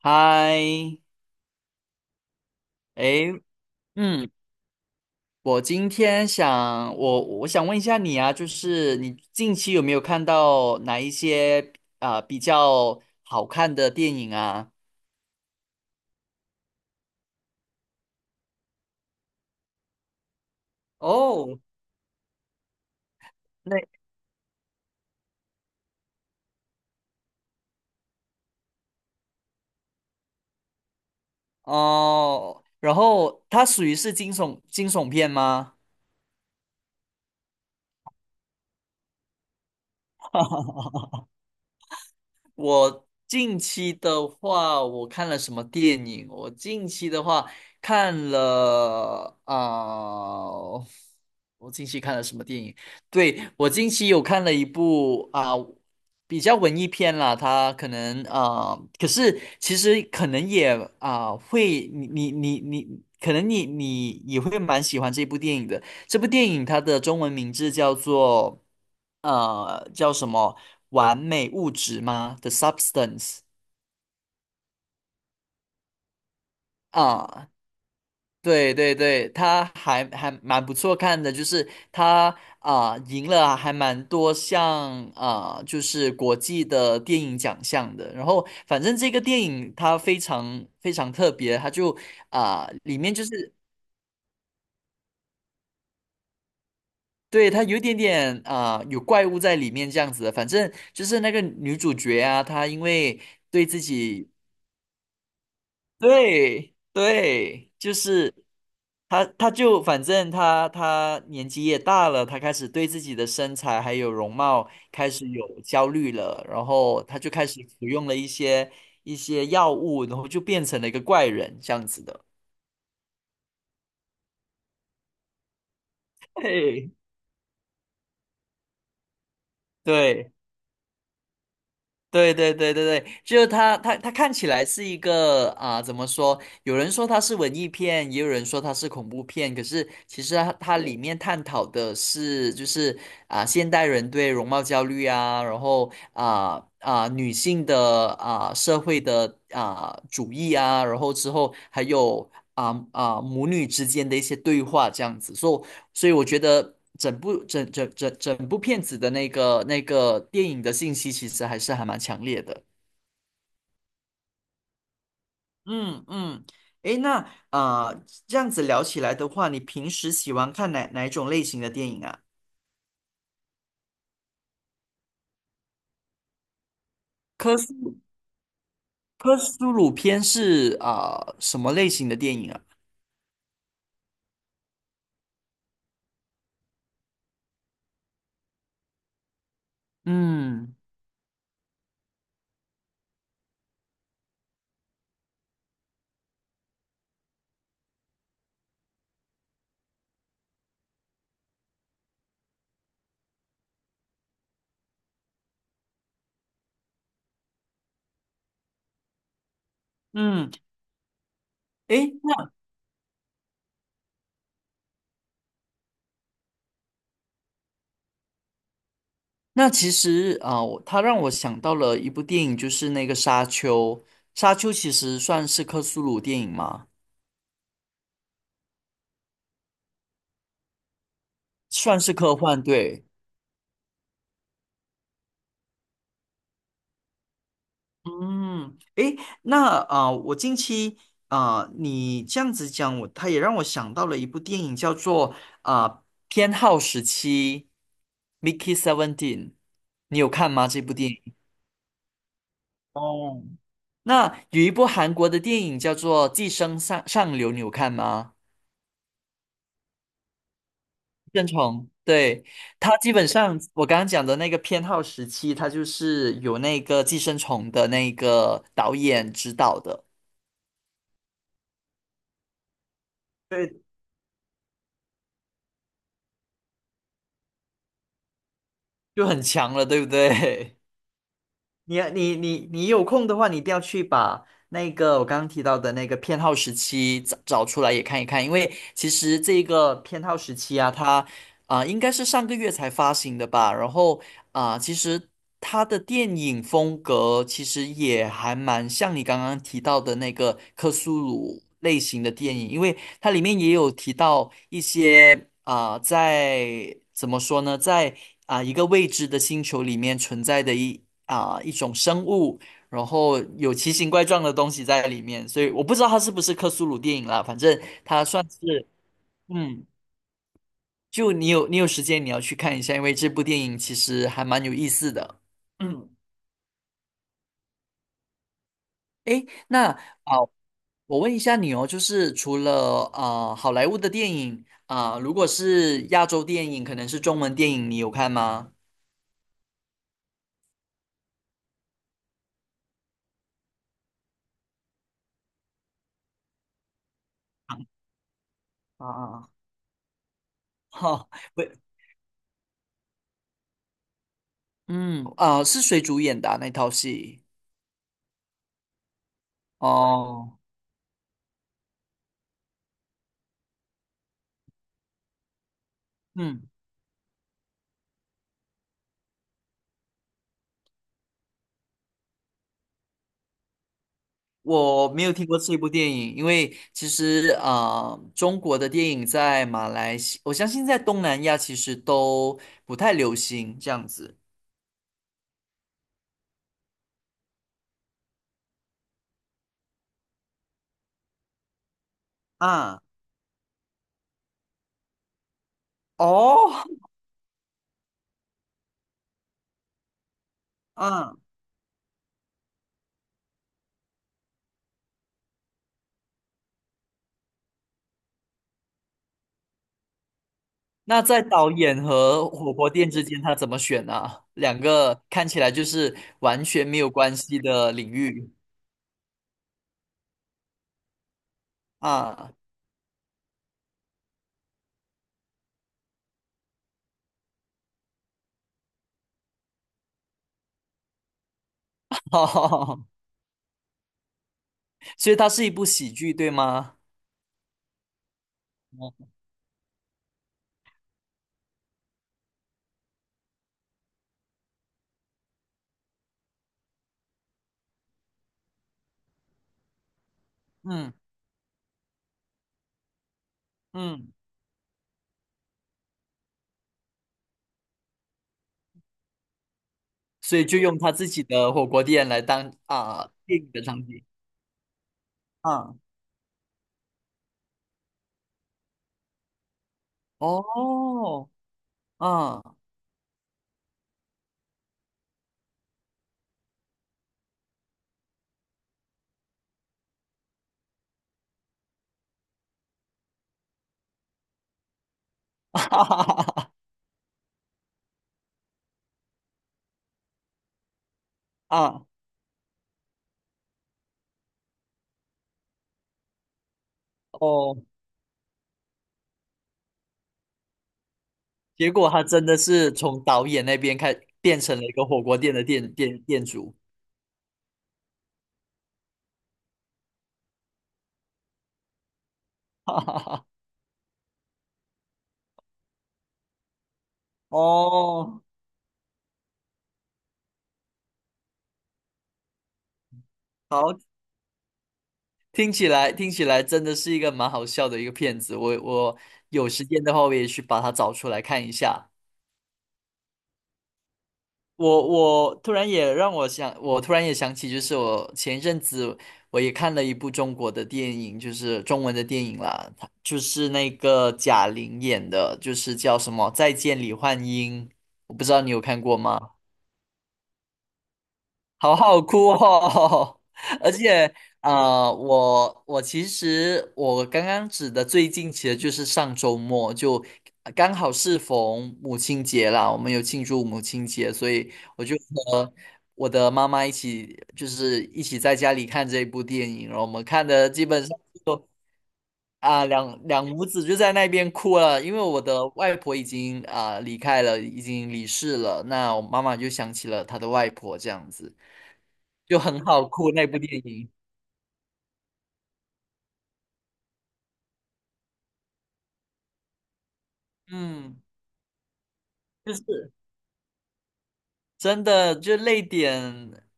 嗨，诶，嗯，我今天想，我想问一下你啊，就是你近期有没有看到哪一些比较好看的电影啊？哦哦，然后它属于是惊悚片吗？我近期的话，我看了什么电影？我近期的话看了我近期看了什么电影？对，我近期有看了一部比较文艺片啦，它可能可是其实可能也会，你你你你，可能你也会蛮喜欢这部电影的。这部电影它的中文名字叫做叫什么？完美物质吗？The Substance。 啊，对对对，它还蛮不错看的，就是它啊赢了还蛮多项啊，就是国际的电影奖项的。然后反正这个电影它非常非常特别，它就啊里面就是。对，它有一点点有怪物在里面这样子的。反正就是那个女主角啊，她因为对自己对对，就是他，他就反正他年纪也大了，他开始对自己的身材还有容貌开始有焦虑了，然后他就开始服用了一些药物，然后就变成了一个怪人这样子的。对对。对对对对对，就是他看起来是一个怎么说？有人说它是文艺片，也有人说它是恐怖片。可是其实它里面探讨的是，就是现代人对容貌焦虑啊，然后女性的社会的主义啊，然后之后还有母女之间的一些对话这样子。所以我觉得整部整整整整部片子的那个电影的信息，其实还是还蛮强烈的。嗯嗯，诶，那啊这样子聊起来的话，你平时喜欢看哪一种类型的电影啊？科苏科苏鲁片是什么类型的电影啊？嗯嗯，诶，那其实啊、他让我想到了一部电影，就是那个《沙丘》。《沙丘》其实算是科苏鲁电影吗？算是科幻，对。嗯，诶，那我近期你这样子讲，他也让我想到了一部电影，叫做偏好时期（ （Mickey Seventeen），你有看吗？这部电影？哦，那有一部韩国的电影叫做《寄生上流》，你有看吗？生虫，对，它基本上我刚刚讲的那个偏好时期，它就是有那个《寄生虫》的那个导演指导的，对，就很强了，对不对？你有空的话，你一定要去把那个我刚刚提到的那个偏好时期找出来也看一看，因为其实这个偏好时期啊，它应该是上个月才发行的吧，然后其实它的电影风格其实也还蛮像你刚刚提到的那个克苏鲁类型的电影，因为它里面也有提到一些在怎么说呢，在一个未知的星球里面存在的一。一种生物，然后有奇形怪状的东西在里面，所以我不知道它是不是克苏鲁电影啦，反正它算是，嗯，就你有时间你要去看一下，因为这部电影其实还蛮有意思的。嗯，诶，那啊、我问一下你哦，就是除了好莱坞的电影如果是亚洲电影，可能是中文电影，你有看吗？啊啊，啊！哈、不，是谁主演的啊那套戏？哦，嗯。我没有听过这部电影，因为其实中国的电影在马来西我相信在东南亚其实都不太流行这样子啊。哦，啊，那在导演和火锅店之间，他怎么选呢、两个看起来就是完全没有关系的领域啊。哦，所以它是一部喜剧，对吗？哦嗯嗯，所以就用他自己的火锅店来当电影的场景啊。哦，嗯，哈哈哈哈啊，哦，结果他真的是从导演那边开变成了一个火锅店的店主。哦，好，听起来真的是一个蛮好笑的一个片子。我有时间的话，我也去把它找出来看一下。我突然也让我想，我突然也想起，就是我前一阵子我也看了一部中国的电影，就是中文的电影啦，它就是那个贾玲演的，就是叫什么《再见李焕英》，我不知道你有看过吗？好好哭哦！而且，我其实我刚刚指的最近其实就是上周末，就刚好适逢母亲节啦，我们有庆祝母亲节，所以我就和我的妈妈一起，就是一起在家里看这一部电影，然后我们看的基本上。都。啊，两两母子就在那边哭了，因为我的外婆已经啊离开了，已经离世了。那我妈妈就想起了她的外婆，这样子就很好哭那部电影。嗯，就是真的就泪点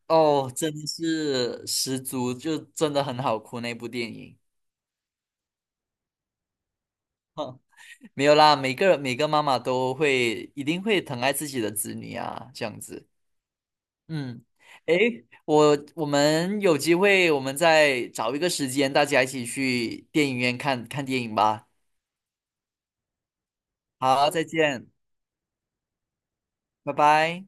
哦，真的是十足，就真的很好哭那部电影。没有啦，每个每个妈妈都会一定会疼爱自己的子女啊，这样子。嗯，诶，我们有机会，我们再找一个时间，大家一起去电影院看看电影吧。好，再见，拜拜。